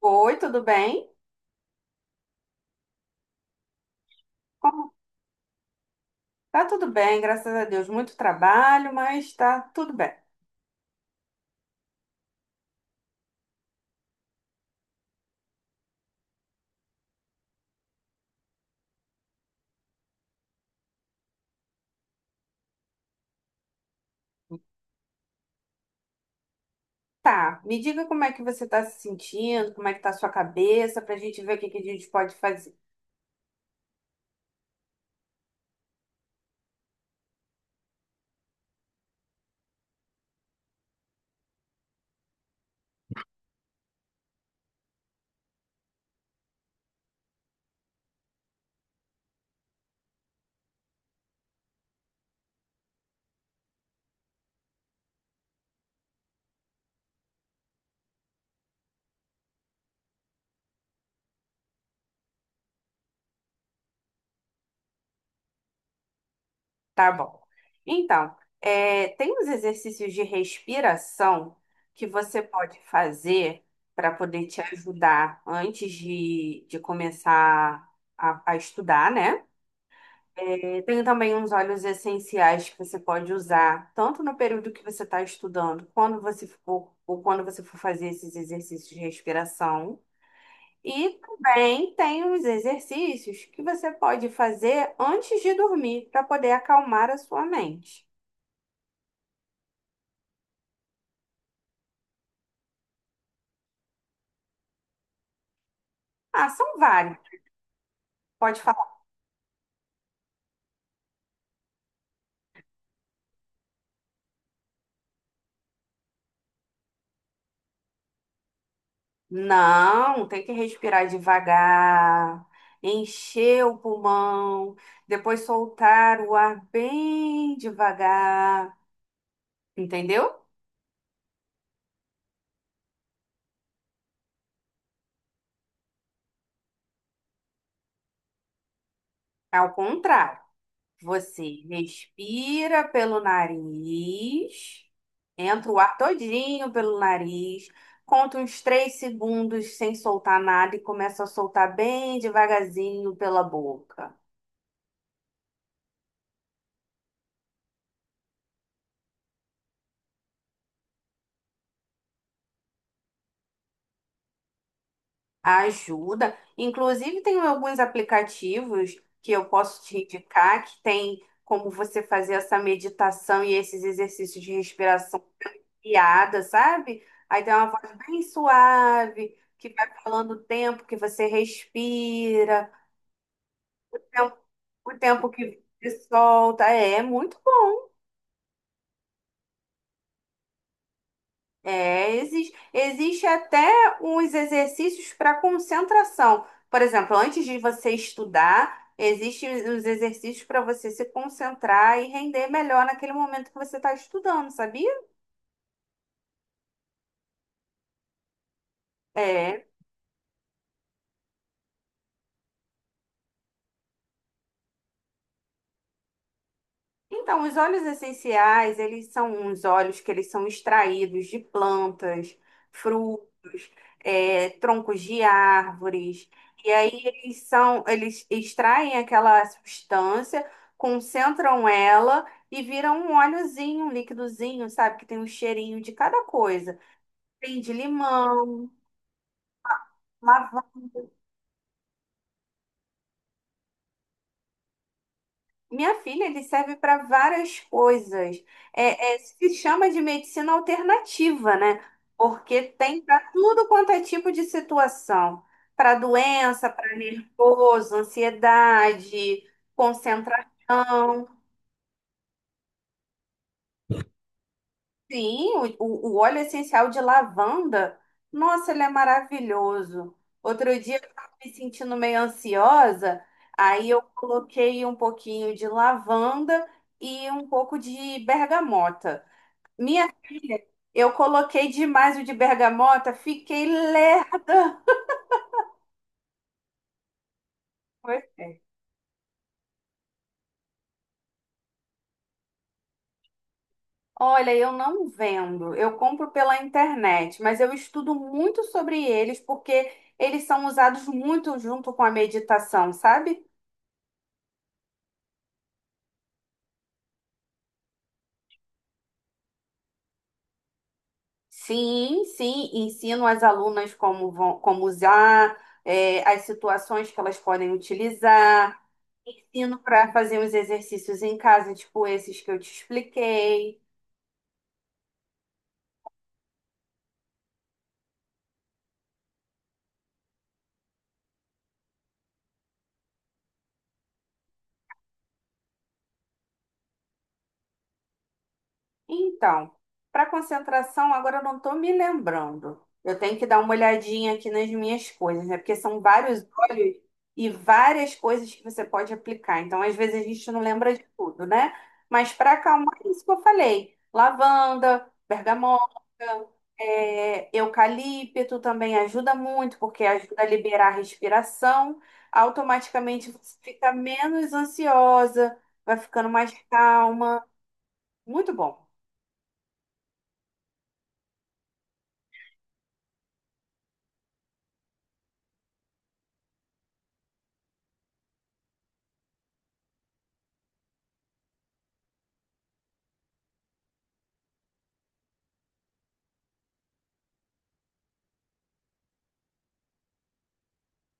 Oi, tudo bem? Como- Tá tudo bem, graças a Deus. Muito trabalho, mas tá tudo bem. Tá, me diga como é que você tá se sentindo, como é que tá a sua cabeça, pra gente ver o que que a gente pode fazer. Tá bom. Então, é, tem uns exercícios de respiração que você pode fazer para poder te ajudar antes de começar a estudar, né? Tem também uns óleos essenciais que você pode usar, tanto no período que você está estudando, quando você for, ou quando você for fazer esses exercícios de respiração. E também tem os exercícios que você pode fazer antes de dormir, para poder acalmar a sua mente. Ah, são vários. Pode falar. Não, tem que respirar devagar, encher o pulmão, depois soltar o ar bem devagar, entendeu? É ao contrário. Você respira pelo nariz, entra o ar todinho pelo nariz, conta uns três segundos sem soltar nada e começa a soltar bem devagarzinho pela boca. Ajuda. Inclusive, tem alguns aplicativos que eu posso te indicar que tem como você fazer essa meditação e esses exercícios de respiração piada, sabe? Aí tem uma voz bem suave, que vai falando o tempo que você respira, o tempo o tempo que você solta. É, é muito bom. É, existe, existe até uns exercícios para concentração. Por exemplo, antes de você estudar, existem os exercícios para você se concentrar e render melhor naquele momento que você está estudando, sabia? É. Então, os óleos essenciais, eles são uns óleos que eles são extraídos de plantas, frutos, troncos de árvores. E aí eles são, eles extraem aquela substância, concentram ela e viram um óleozinho, um líquidozinho, sabe? Que tem um cheirinho de cada coisa. Tem de limão. Minha filha, ele serve para várias coisas. Se chama de medicina alternativa, né? Porque tem para tudo quanto é tipo de situação. Para doença, para nervoso, ansiedade, concentração. Sim, o óleo essencial de lavanda, nossa, ele é maravilhoso. Outro dia eu estava me sentindo meio ansiosa, aí eu coloquei um pouquinho de lavanda e um pouco de bergamota. Minha filha, eu coloquei demais o de bergamota, fiquei lerda. Pois é. Olha, eu não vendo, eu compro pela internet, mas eu estudo muito sobre eles porque eles são usados muito junto com a meditação, sabe? Sim, sim, ensino as alunas como vão, como usar, é, as situações que elas podem utilizar, ensino para fazer os exercícios em casa, tipo esses que eu te expliquei. Então, para concentração, agora eu não estou me lembrando. Eu tenho que dar uma olhadinha aqui nas minhas coisas, né? Porque são vários olhos e várias coisas que você pode aplicar. Então, às vezes a gente não lembra de tudo, né? Mas para acalmar, é isso que eu falei: lavanda, bergamota, é, eucalipto também ajuda muito, porque ajuda a liberar a respiração. Automaticamente você fica menos ansiosa, vai ficando mais calma. Muito bom.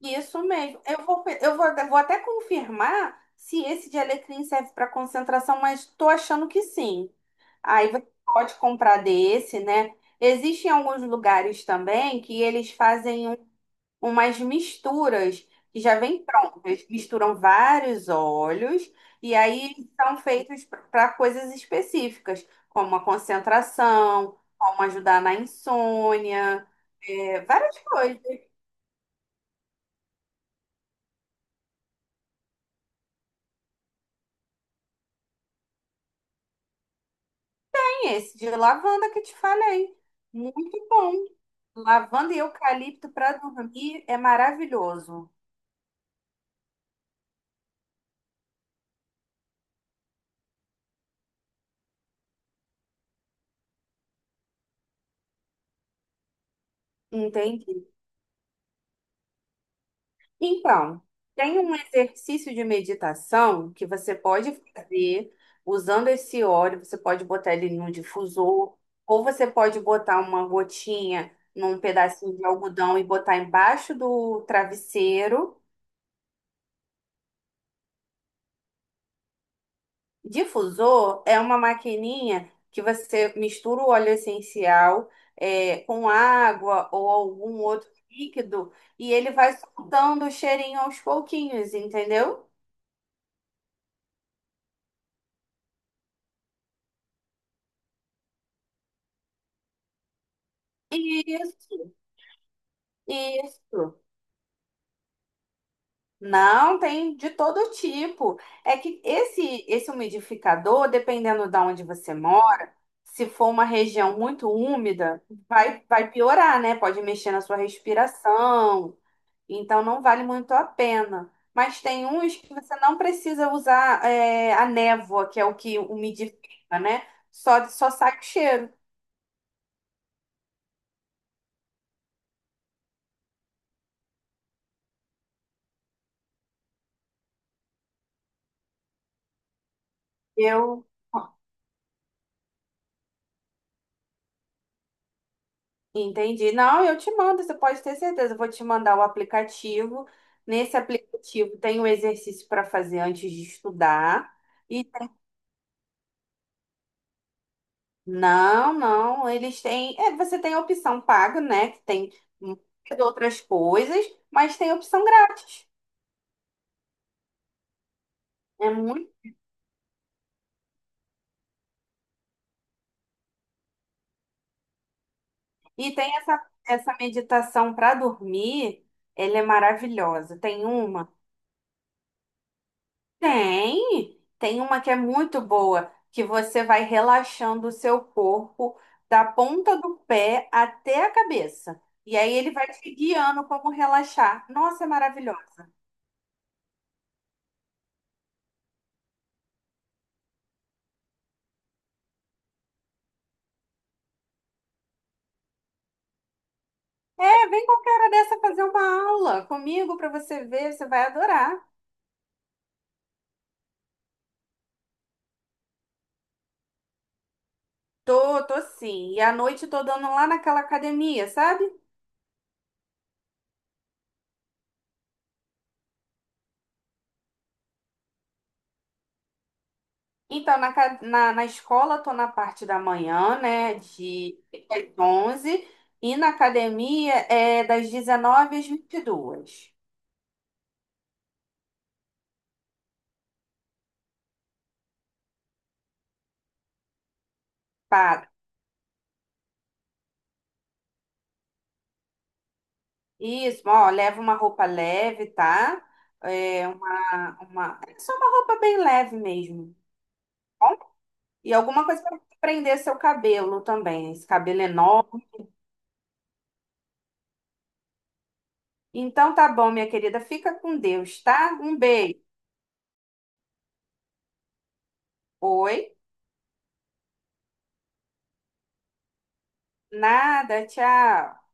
Isso mesmo. Eu vou até confirmar se esse de alecrim serve para concentração, mas estou achando que sim. Aí você pode comprar desse, né? Existem alguns lugares também que eles fazem umas misturas que já vêm prontas. Eles misturam vários óleos e aí são feitos para coisas específicas, como a concentração, como ajudar na insônia, é, várias coisas. Esse de lavanda que te falei. Muito bom. Lavanda e eucalipto para dormir é maravilhoso. Entendi. Então, tem um exercício de meditação que você pode fazer usando esse óleo. Você pode botar ele num difusor, ou você pode botar uma gotinha num pedacinho de algodão e botar embaixo do travesseiro. Difusor é uma maquininha que você mistura o óleo essencial, é, com água ou algum outro líquido e ele vai soltando o cheirinho aos pouquinhos, entendeu? Isso, isso. Não, tem de todo tipo. É que esse umidificador, dependendo de onde você mora, se for uma região muito úmida, vai piorar, né? Pode mexer na sua respiração. Então não vale muito a pena. Mas tem uns que você não precisa usar, é, a névoa, que é o que umidifica, né? Só sai o cheiro. Eu entendi. Não, eu te mando, você pode ter certeza. Eu vou te mandar o aplicativo. Nesse aplicativo tem o exercício para fazer antes de estudar. E não, eles têm, é, você tem a opção paga, né? Que tem muitas outras coisas, mas tem a opção grátis. É. E tem essa meditação para dormir, ela é maravilhosa. Tem uma? Tem! Tem uma que é muito boa, que você vai relaxando o seu corpo da ponta do pé até a cabeça. E aí ele vai te guiando como relaxar. Nossa, é maravilhosa. É, vem qualquer hora dessa fazer uma aula comigo para você ver, você vai adorar. Tô, tô sim. E à noite eu tô dando lá naquela academia, sabe? Então, na escola, estou na parte da manhã, né, de das 11, e na academia é das 19 às 22. Tá. Isso, ó, leva uma roupa leve, tá? É É só uma roupa bem leve mesmo, tá bom? E alguma coisa para prender seu cabelo também, esse cabelo enorme. Então, tá bom, minha querida, fica com Deus, tá? Um beijo. Oi? Nada, tchau.